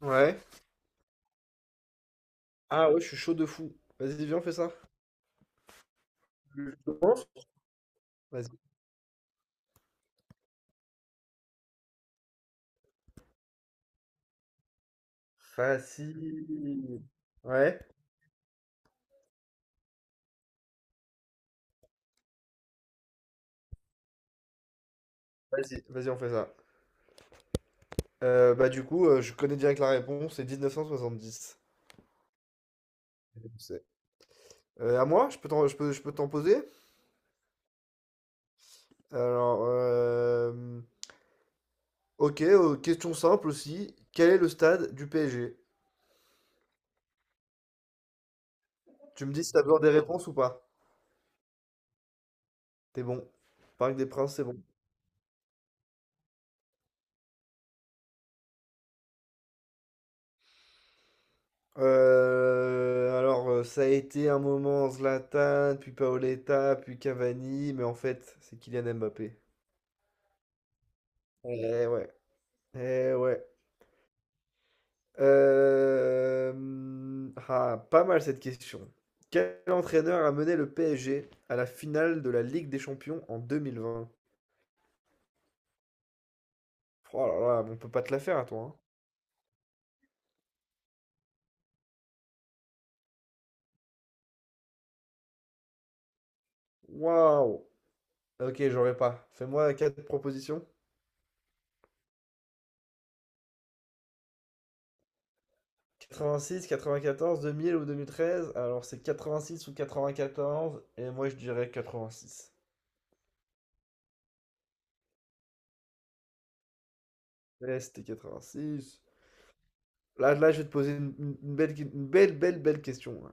Ouais. Ah ouais, je suis chaud de fou. Vas-y, viens, on fait ça. Je commence. Vas-y. Facile. Ouais. Vas-y, on fait ça. Bah du coup, je connais direct la réponse, c'est 1970. C'est- à moi, je peux t'en poser? Alors, ok, question simple aussi. Quel est le stade du PSG? Tu me dis si t'as besoin des réponses ou pas. T'es bon. Parc des Princes, c'est bon. Heu, alors, ça a été un moment Zlatan, puis Paoletta, puis Cavani, mais en fait, c'est Kylian Mbappé. Ouais. Eh ouais, eh ouais. Ah, pas mal cette question. Quel entraîneur a mené le PSG à la finale de la Ligue des Champions en 2020? Oh là là, on peut pas te la faire à toi, hein. Waouh! OK, j'aurais pas. Fais-moi 4 propositions. 86, 94, 2000 ou 2013. Alors c'est 86 ou 94. Et moi je dirais 86. Ouais, c'était 86. Là, là, je vais te poser une belle, belle, belle question, hein.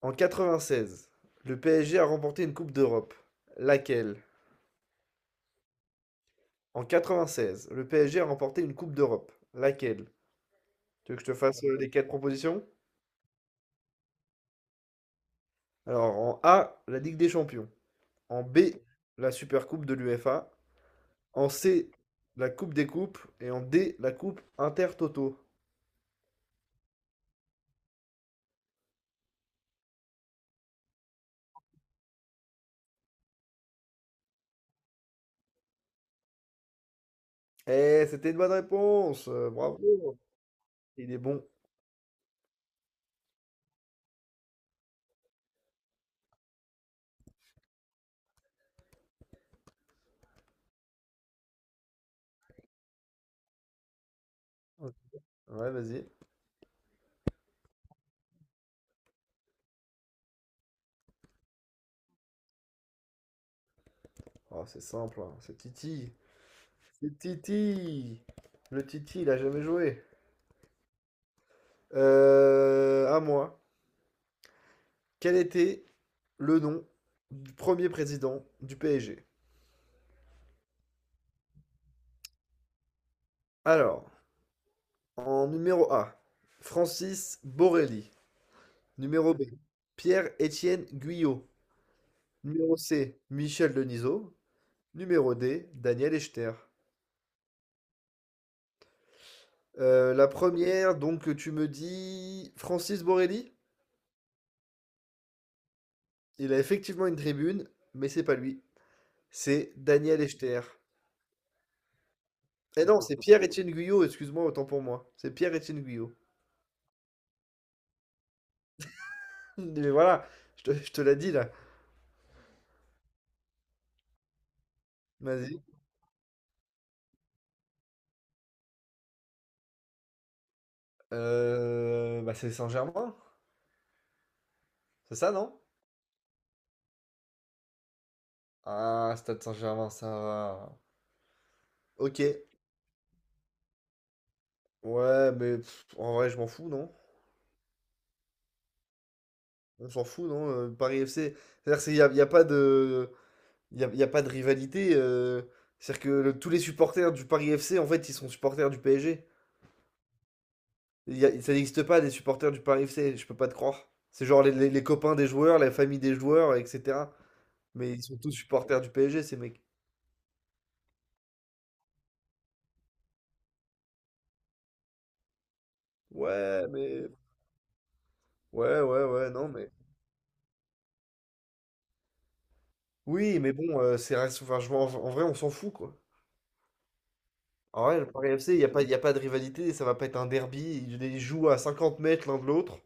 En 96, le PSG a remporté une Coupe d'Europe. Laquelle? En 96, le PSG a remporté une Coupe d'Europe. Laquelle? Tu veux que je te fasse les quatre propositions? Alors, en A, la Ligue des Champions. En B, la Super Coupe de l'UEFA. En C, la coupe des coupes. Et en D, la coupe intertoto. Eh, c'était une bonne réponse, bravo. Il est bon. Ouais, vas-y. Oh, c'est simple, hein, c'est Titi. C'est Titi. Le Titi, il a jamais joué. À moi. Quel était le nom du premier président du PSG? Alors, en numéro A, Francis Borelli. Numéro B, Pierre-Étienne Guyot. Numéro C, Michel Denisot. Numéro D, Daniel Echter. La première, donc tu me dis Francis Borelli? Il a effectivement une tribune, mais c'est pas lui. C'est Daniel Echter. Eh non, c'est Pierre-Étienne Guyot, excuse-moi, autant pour moi. C'est Pierre-Étienne Guyot. Mais voilà, je te l'ai dit là. Vas-y. Bah c'est Saint-Germain, c'est ça, non? Ah, Stade Saint-Germain, ça va. Ok. Ouais, mais pff, en vrai, je m'en fous, non? On s'en fout, non? Paris FC. C'est-à-dire qu'il n'y a, il y a pas de. Y a pas de rivalité. C'est-à-dire que tous les supporters du Paris FC, en fait, ils sont supporters du PSG. Ça n'existe pas des supporters du Paris FC, je peux pas te croire. C'est genre les copains des joueurs, la famille des joueurs, etc. Mais ils sont tous supporters du PSG, ces mecs. Ouais, mais. Ouais, ouais, ouais, non, mais. Oui, mais bon, enfin, en vrai, on s'en fout, quoi. En vrai, le Paris FC, il y a pas de rivalité, ça va pas être un derby. Ils jouent à 50 mètres l'un de l'autre.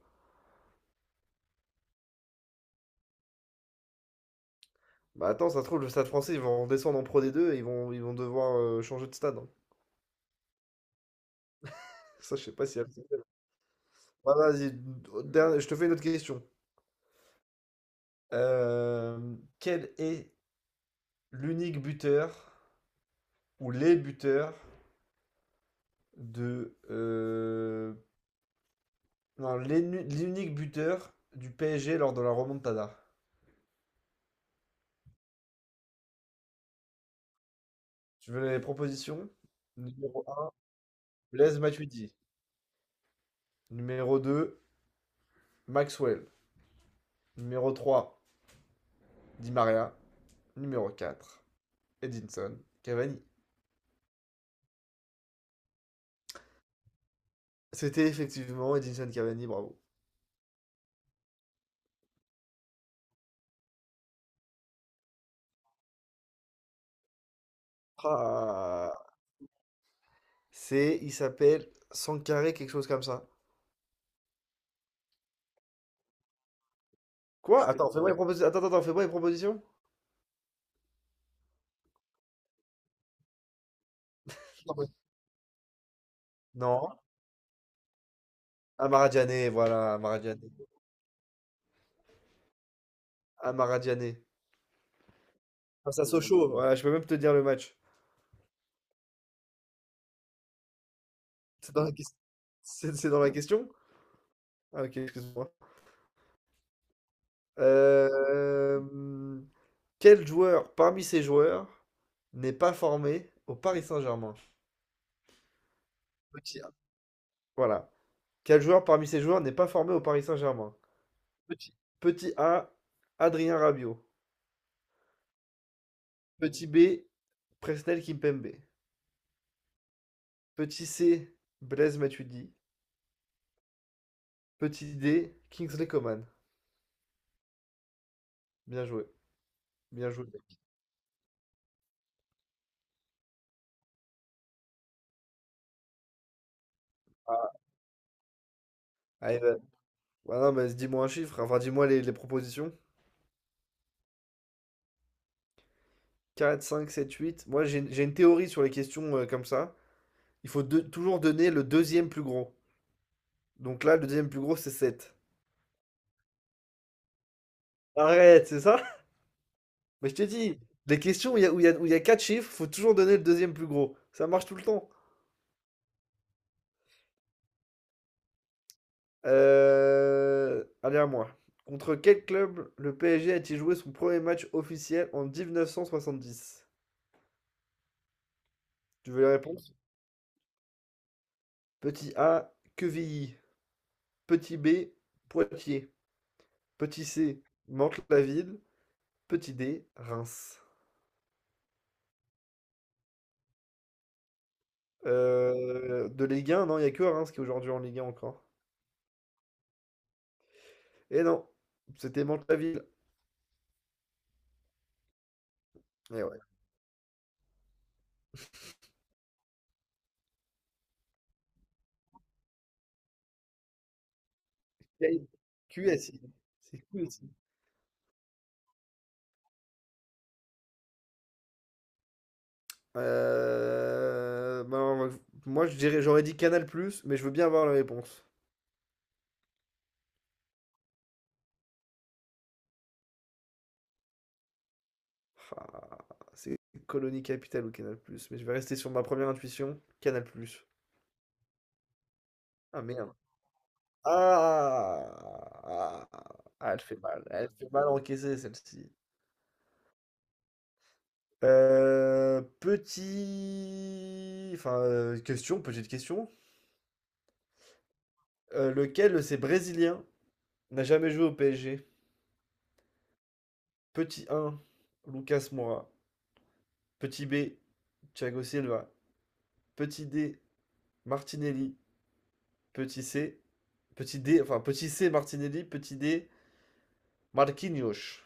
Bah attends, ça se trouve, le stade français, ils vont redescendre en Pro D2 et ils vont devoir changer de stade. Ça, je sais pas si elle. Bah, vas-y, je te fais une autre question. Quel est l'unique buteur ou les buteurs de non, l'unique buteur du PSG lors de la remontada? Tu veux les propositions? Numéro un, Blaise Matuidi. Numéro deux, Maxwell. Numéro trois, Di Maria. Numéro quatre, Edinson Cavani. C'était effectivement Edinson Cavani, bravo. Ah, c'est, il s'appelle Sankaré, quelque chose comme ça. Quoi? Je Attends, fais-moi une proposition. Attends, attends, fais-moi une proposition. Non, mais- Non. Amara, voilà, Amara Diané. Amara Diané. Face à Sochaux, voilà, je peux même te dire le match. C'est dans la question. C'est dans la question? Ah, ok, excuse-moi. Euh, Quel joueur parmi ces joueurs n'est pas formé au Paris Saint-Germain? Petit A. Voilà. Quel joueur parmi ces joueurs n'est pas formé au Paris Saint-Germain? Petit A, Adrien Rabiot. Petit B, Presnel Kimpembe. Petit C, Blaise Matuidi. Petit D, Kingsley Coman. Bien joué. Bien joué. Ah, allez, bah, bah non, mais dis-moi un chiffre. Enfin, dis-moi les propositions. Quatre, cinq, sept, huit. Moi, j'ai une théorie sur les questions comme ça. Toujours donner le deuxième plus gros. Donc là, le deuxième plus gros, c'est 7. Arrête, c'est ça? Mais je te dis, les questions où il y a 4 chiffres, faut toujours donner le deuxième plus gros. Ça marche tout le temps. Allez à moi. Contre quel club le PSG a-t-il joué son premier match officiel en 1970? Tu veux la réponse? Petit A, Quevilly. Petit B, Poitiers. Petit C, Mantes-la-Ville. Petit D, Reims. De Ligue 1, non, il n'y a que Reims qui est aujourd'hui en Ligue 1 encore. Et non, c'était Mantes-la-Ville. Et ouais. Quel- QSI. C'est QSI. Ben, moi, j'aurais dit Canal+, mais je veux bien avoir la réponse. Enfin, c'est Colonie Capitale ou Canal+, mais je vais rester sur ma première intuition, Canal+. Ah merde. Ah, ah, elle fait mal encaisser celle-ci. Enfin, petite question. Lequel de ces Brésiliens n'a jamais joué au PSG? Petit 1, Lucas Moura. Petit B, Thiago Silva. Petit D, Martinelli. Petit C, Petit C, Martinelli. Petit D, Marquinhos.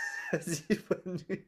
Vas-y, bonne nuit.